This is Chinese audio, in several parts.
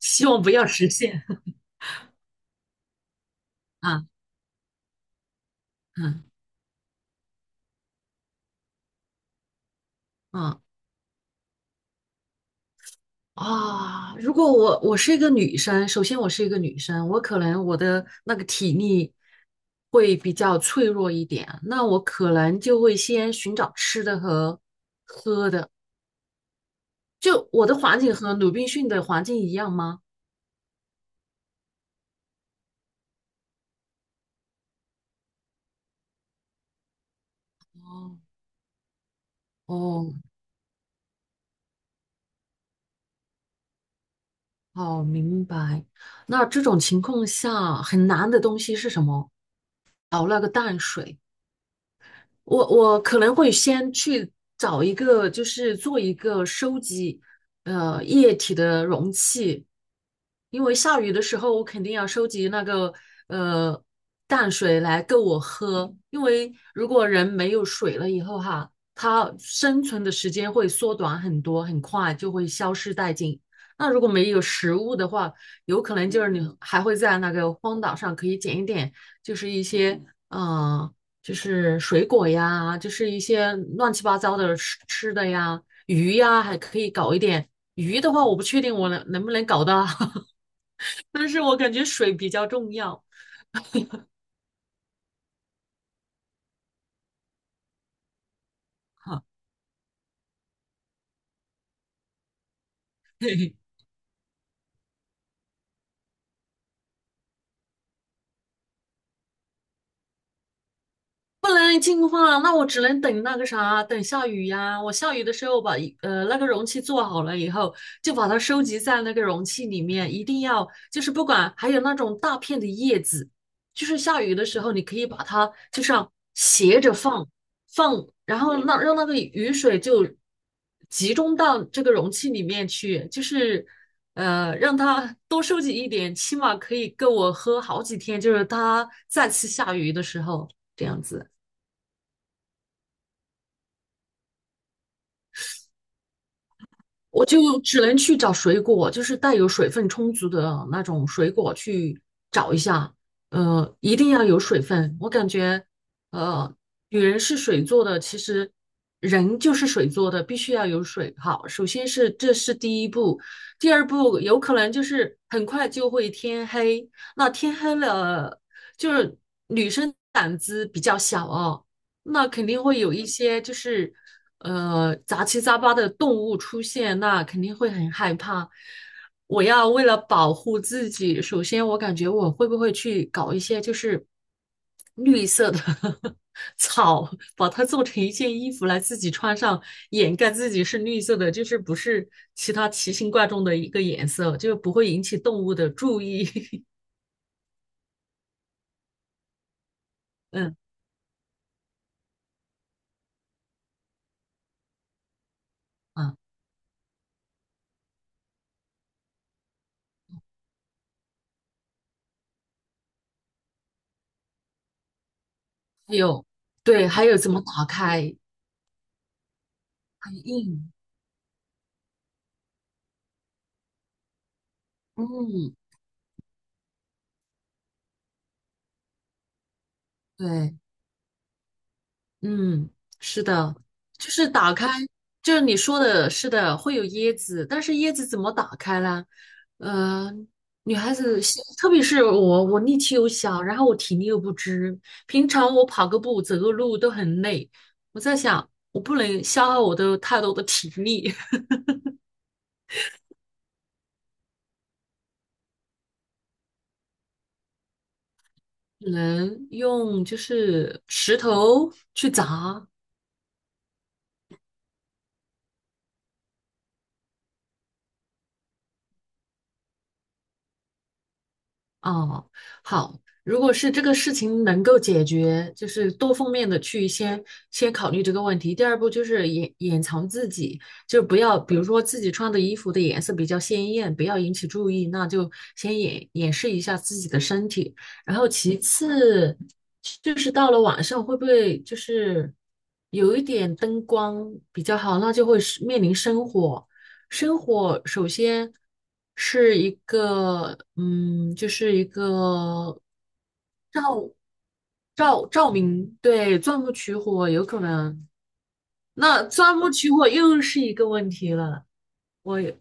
希望不要实现。啊嗯嗯啊！如果我是一个女生，首先我是一个女生，我可能我的那个体力会比较脆弱一点，那我可能就会先寻找吃的和喝的。就我的环境和鲁滨逊的环境一样吗？哦哦，好明白。那这种情况下，很难的东西是什么？熬那个淡水。我可能会先去找一个，就是做一个收集液体的容器，因为下雨的时候我肯定要收集那个呃淡水来够我喝，因为如果人没有水了以后哈，它生存的时间会缩短很多，很快就会消失殆尽。那如果没有食物的话，有可能就是你还会在那个荒岛上可以捡一点，就是一些嗯。呃就是水果呀，就是一些乱七八糟的吃吃的呀，鱼呀，还可以搞一点。鱼的话，我不确定我能不能搞到，但是我感觉水比较重要。哈，不能净化，那我只能等那个啥，等下雨呀。我下雨的时候把那个容器做好了以后，就把它收集在那个容器里面，一定要就是不管还有那种大片的叶子，就是下雨的时候你可以把它就像斜着放，然后那让那个雨水就集中到这个容器里面去，就是让它多收集一点，起码可以够我喝好几天，就是它再次下雨的时候这样子。我就只能去找水果，就是带有水分充足的那种水果去找一下。呃，一定要有水分。我感觉，呃，女人是水做的，其实人就是水做的，必须要有水。好，首先是这是第一步，第二步有可能就是很快就会天黑。那天黑了，就是女生胆子比较小哦，那肯定会有一些就是，呃，杂七杂八的动物出现，那肯定会很害怕。我要为了保护自己，首先我感觉我会不会去搞一些就是绿色的 草，把它做成一件衣服来自己穿上，掩盖自己是绿色的，就是不是其他奇形怪状的一个颜色，就不会引起动物的注意。嗯啊，还有对，还有怎么打开？很硬，嗯。对，嗯，是的，就是打开，就是你说的，是的，会有椰子，但是椰子怎么打开呢？嗯，女孩子特别是我，我力气又小，然后我体力又不支，平常我跑个步、走个路都很累，我在想，我不能消耗我的太多的体力，只能用就是石头去砸，哦，好，如果是这个事情能够解决，就是多方面的去先考虑这个问题。第二步就是掩藏自己，就不要，比如说自己穿的衣服的颜色比较鲜艳，不要引起注意，那就先掩饰一下自己的身体。然后其次就是到了晚上会不会就是有一点灯光比较好，那就会是面临生火。生火首先是一个，嗯，就是一个照照明，对，钻木取火有可能。那钻木取火又是一个问题了。我也，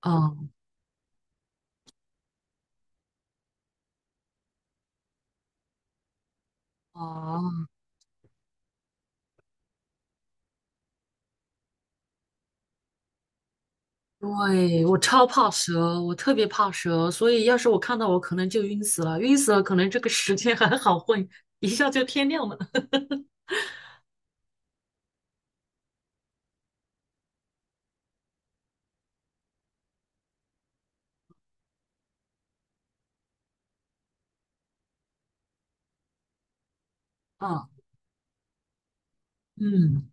嗯，哦，对，我超怕蛇，我特别怕蛇，所以要是我看到我可能就晕死了，晕死了可能这个时间还好混，一下就天亮了。啊，嗯。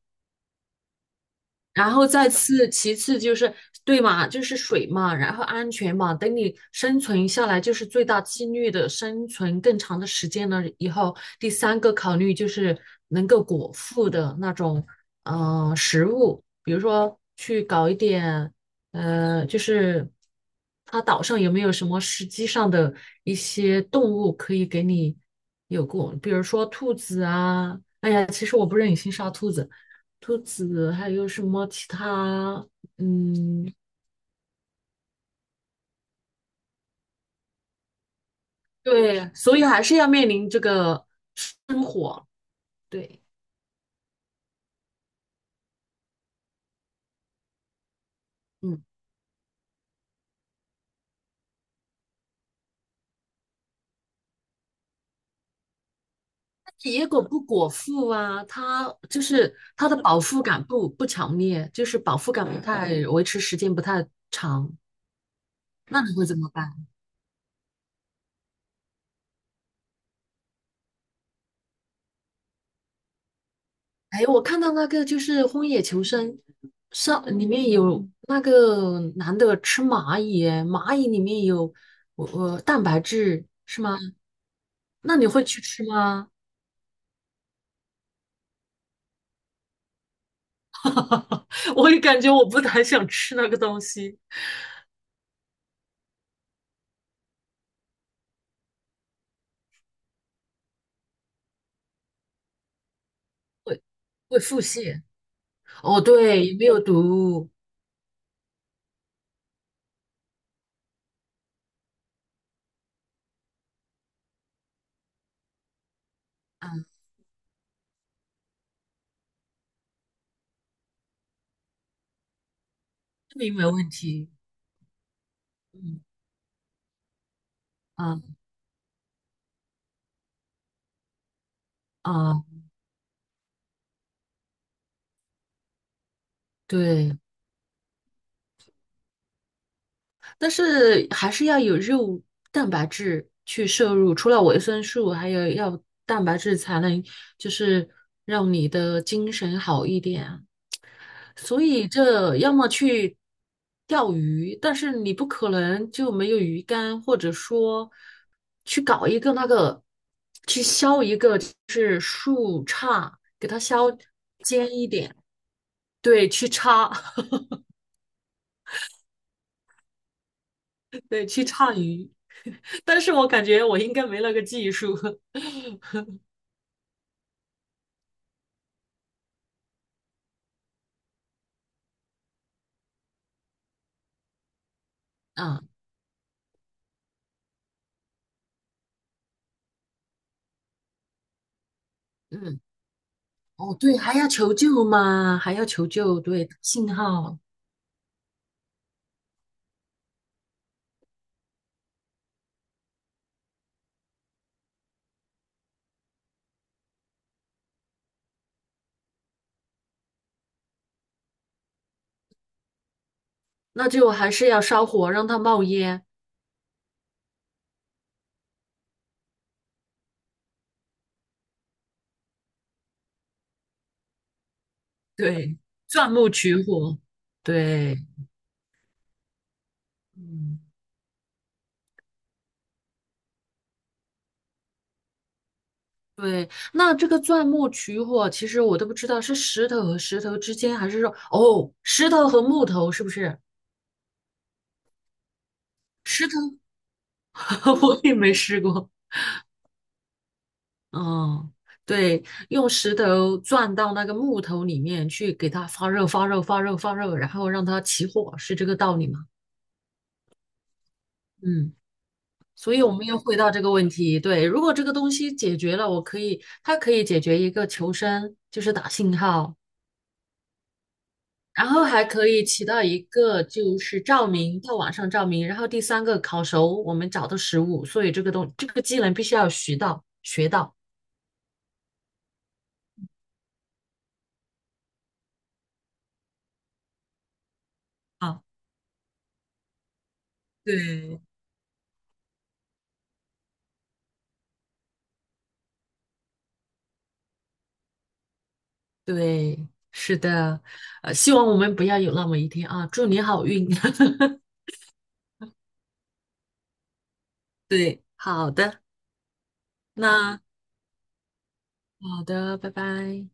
然后再次，其次就是对嘛，就是水嘛，然后安全嘛。等你生存下来，就是最大几率的生存更长的时间了以后，第三个考虑就是能够果腹的那种食物，比如说去搞一点就是它岛上有没有什么实际上的一些动物可以给你有过，比如说兔子啊。兔子。兔子，还有什么其他？嗯，对，所以还是要面临这个，对，嗯，野果不果腹啊，它就是它的饱腹感不强烈，就是饱腹感不太维持时间不太长，那你会怎么办？哎，我看到那个就是《荒野求生》上里面有那个男的吃蚂蚁，蚂蚁里面有我蛋白质是吗？那你会去吃吗？我也感觉我不太想吃那个东西，会腹泻。哦，对，没有毒，嗯，证明没问题，嗯啊啊，对，但是还是要有肉蛋白质去摄入，除了维生素，还有要蛋白质才能就是让你的精神好一点啊。所以这要么去钓鱼，但是你不可能就没有鱼竿，或者说去搞一个那个，去削一个就是树杈，给它削尖一点，对，去叉，对，去叉鱼。但是我感觉我应该没那个技术。啊，嗯，哦，对，还要求救吗？还要求救，对，信号，那就还是要烧火让它冒烟。对，钻木取火，对，嗯，对。那这个钻木取火，其实我都不知道是石头和石头之间，还是说哦，石头和木头是不是？石头 我也没试过。嗯，对，用石头钻到那个木头里面去，给它发热、发热、发热、发热，然后让它起火，是这个道理吗？嗯。所以我们要回到这个问题，对，如果这个东西解决了，我可以，它可以解决一个求生，就是打信号，然后还可以起到一个就是照明，到晚上照明。然后第三个烤熟我们找的食物，所以这个这个技能必须要学到啊。对，对，是的，呃，希望我们不要有那么一天啊！祝你好运。对，好的，那好的，拜拜。